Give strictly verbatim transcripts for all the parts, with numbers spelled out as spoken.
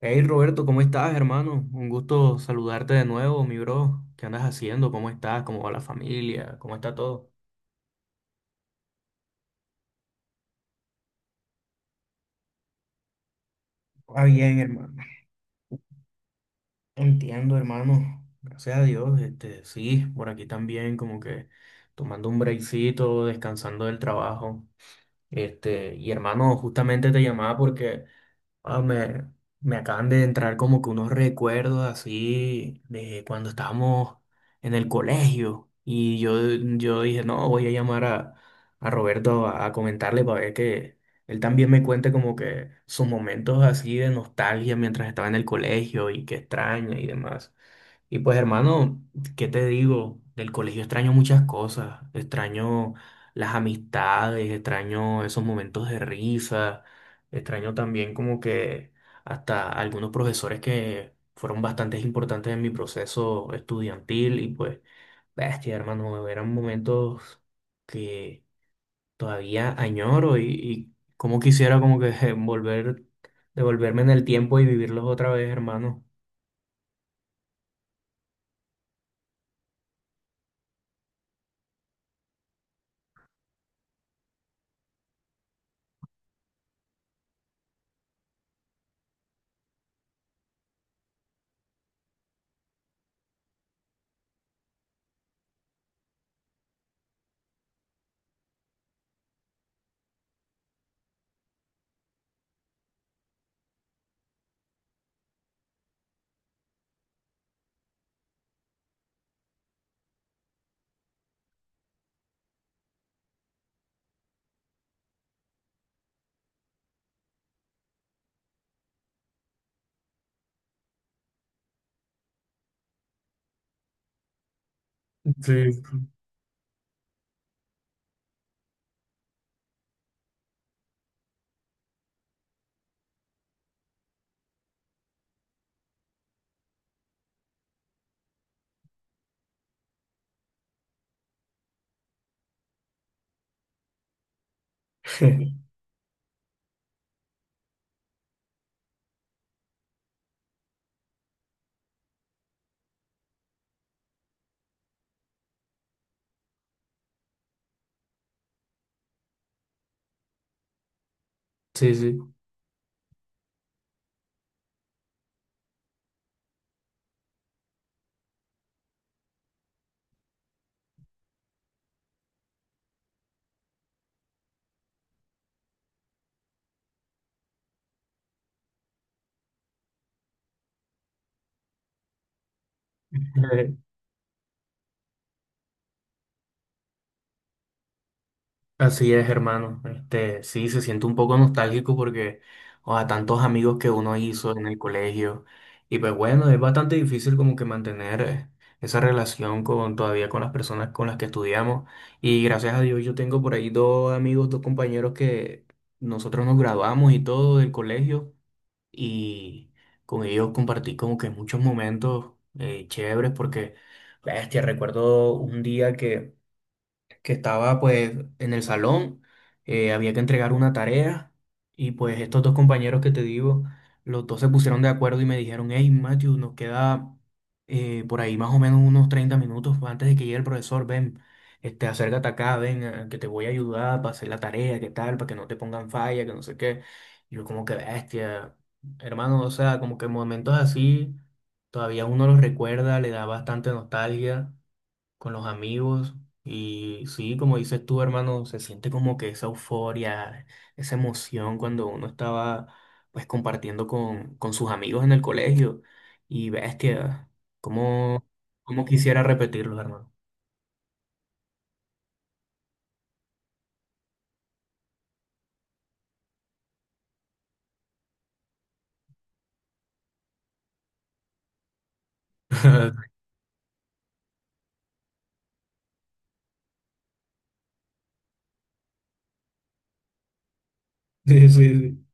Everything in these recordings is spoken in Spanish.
Hey Roberto, ¿cómo estás, hermano? Un gusto saludarte de nuevo, mi bro. ¿Qué andas haciendo? ¿Cómo estás? ¿Cómo va la familia? ¿Cómo está todo? Ah, bien, hermano. Entiendo, hermano. Gracias a Dios. Este, sí, por aquí también como que tomando un breakcito, descansando del trabajo. Este, y hermano, justamente te llamaba porque Ah, me, me acaban de entrar como que unos recuerdos así de cuando estábamos en el colegio. Y yo, yo dije, no, voy a llamar a, a Roberto a, a comentarle para ver que él también me cuente como que sus momentos así de nostalgia mientras estaba en el colegio y que extraña y demás. Y pues hermano, ¿qué te digo? Del colegio extraño muchas cosas, extraño las amistades, extraño esos momentos de risa, extraño también como que hasta algunos profesores que fueron bastante importantes en mi proceso estudiantil. Y pues, bestia hermano, eran momentos que todavía añoro, y, y como quisiera como que volver, devolverme en el tiempo y vivirlos otra vez, hermano. Sí. Sí, sí. Eh, Así es, hermano. Este, sí, se siente un poco nostálgico porque o a tantos amigos que uno hizo en el colegio. Y pues bueno, es bastante difícil como que mantener eh, esa relación con todavía con las personas con las que estudiamos. Y gracias a Dios yo tengo por ahí dos amigos, dos compañeros que nosotros nos graduamos y todo del colegio. Y con ellos compartí como que muchos momentos eh, chéveres porque, bestia, recuerdo un día que que estaba pues en el salón, eh, había que entregar una tarea y pues estos dos compañeros que te digo, los dos se pusieron de acuerdo y me dijeron, hey Matthew, nos queda eh, por ahí más o menos unos treinta minutos antes de que llegue el profesor, ven, este, acércate acá, ven, eh, que te voy a ayudar para hacer la tarea, qué tal, para que no te pongan falla, que no sé qué. Y yo como que bestia, hermano, o sea, como que momentos así, todavía uno los recuerda, le da bastante nostalgia con los amigos. Y sí, como dices tú, hermano, se siente como que esa euforia, esa emoción cuando uno estaba pues compartiendo con, con sus amigos en el colegio. Y bestia, cómo, cómo quisiera repetirlo, hermano. Sí, sí, sí.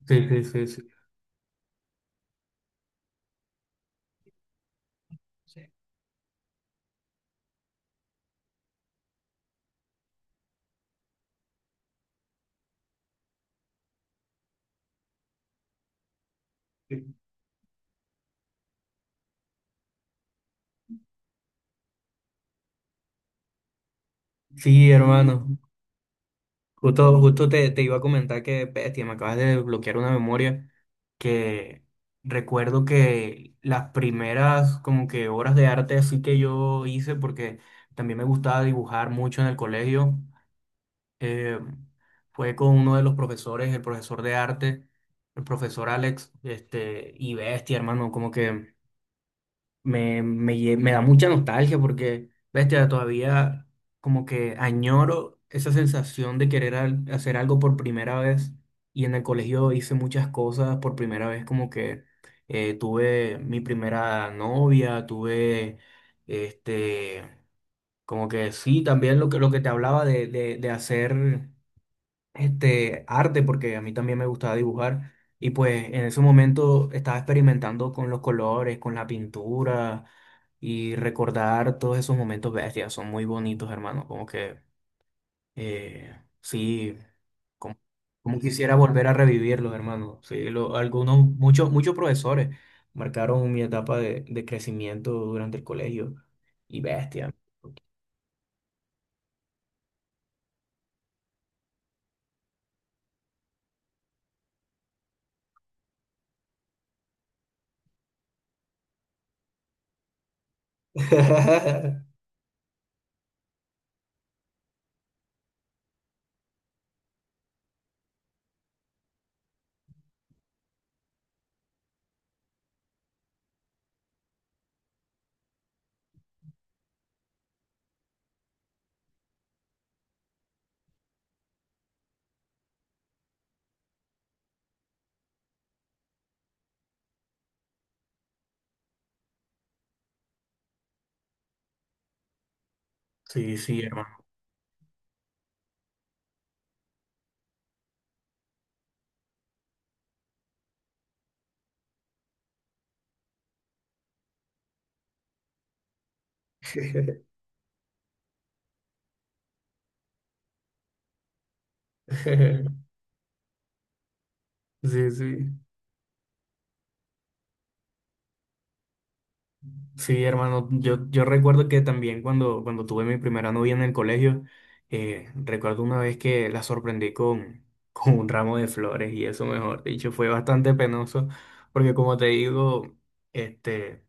Sí, sí, sí, sí. Sí, hermano. Justo, justo te, te iba a comentar que, bestia, me acabas de desbloquear una memoria que recuerdo que las primeras como que obras de arte así que yo hice, porque también me gustaba dibujar mucho en el colegio, eh, fue con uno de los profesores, el profesor de arte, el profesor Alex. Este, y bestia, hermano, como que me, me, lle- me da mucha nostalgia porque, bestia, todavía como que añoro esa sensación de querer al- hacer algo por primera vez. Y en el colegio hice muchas cosas por primera vez, como que eh, tuve mi primera novia, tuve este, como que sí, también lo que, lo que te hablaba de, de, de hacer este, arte, porque a mí también me gustaba dibujar. Y pues en ese momento estaba experimentando con los colores, con la pintura y recordar todos esos momentos bestias. Son muy bonitos, hermano. Como que eh, sí, como, como quisiera volver a revivirlos, hermano. Sí, lo- algunos, muchos, muchos profesores marcaron mi etapa de, de crecimiento durante el colegio. Y bestia. Sí, sí, hermano. Sí, sí. Sí, hermano, yo, yo recuerdo que también cuando, cuando tuve mi primera novia en el colegio. Eh, recuerdo una vez que la sorprendí con, con un ramo de flores y eso, mejor dicho, fue bastante penoso porque como te digo, este,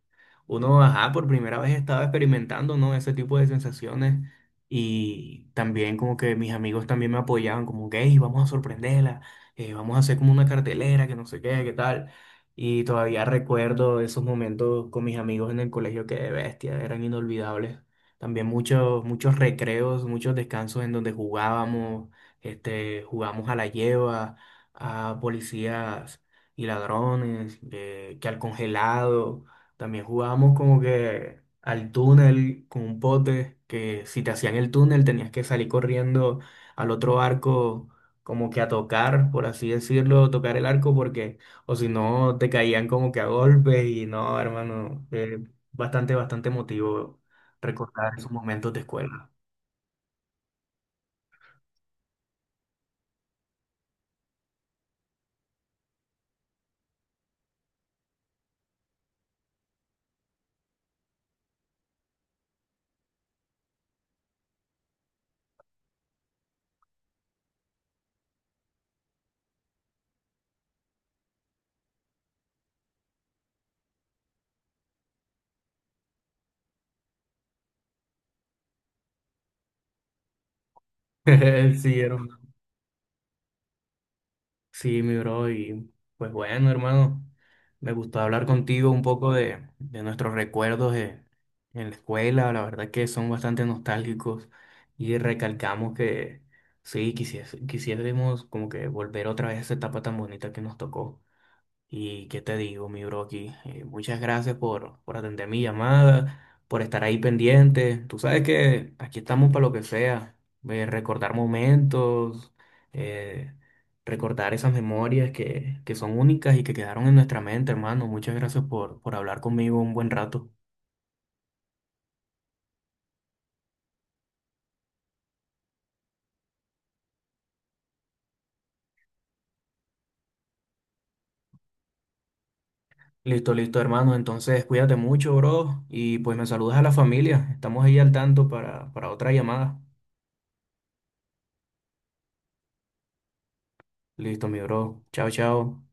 uno, ajá, por primera vez estaba experimentando, ¿no? Ese tipo de sensaciones. Y también como que mis amigos también me apoyaban como que, "Ey, vamos a sorprenderla, eh, vamos a hacer como una cartelera, que no sé qué, qué tal. Y todavía recuerdo esos momentos con mis amigos en el colegio que de bestia, eran inolvidables. También muchos, muchos recreos, muchos descansos en donde jugábamos, este, jugamos a la lleva, a policías y ladrones, eh, que al congelado. También jugábamos como que al túnel con un pote, que si te hacían el túnel tenías que salir corriendo al otro arco como que a tocar, por así decirlo, tocar el arco porque o si no, te caían como que a golpes. Y no, hermano, eh, bastante, bastante emotivo recordar esos momentos de escuela. Sí, hermano. Sí, mi bro, y pues bueno, hermano, me gustó hablar contigo un poco de, de nuestros recuerdos de- en la escuela, la verdad que son bastante nostálgicos y recalcamos que sí, quisies- quisiésemos como que volver otra vez a esa etapa tan bonita que nos tocó. Y qué te digo, mi bro, aquí. eh, muchas gracias por, por atender mi llamada, por estar ahí pendiente. Tú sabes que aquí estamos para lo que sea. eh, recordar momentos, eh, recordar esas memorias que, que son únicas y que quedaron en nuestra mente, hermano. Muchas gracias por, por hablar conmigo un buen rato. Listo, listo, hermano. Entonces, cuídate mucho, bro. Y pues me saludas a la familia. Estamos ahí al tanto para, para otra llamada. Listo, mi bro. Chao, chao.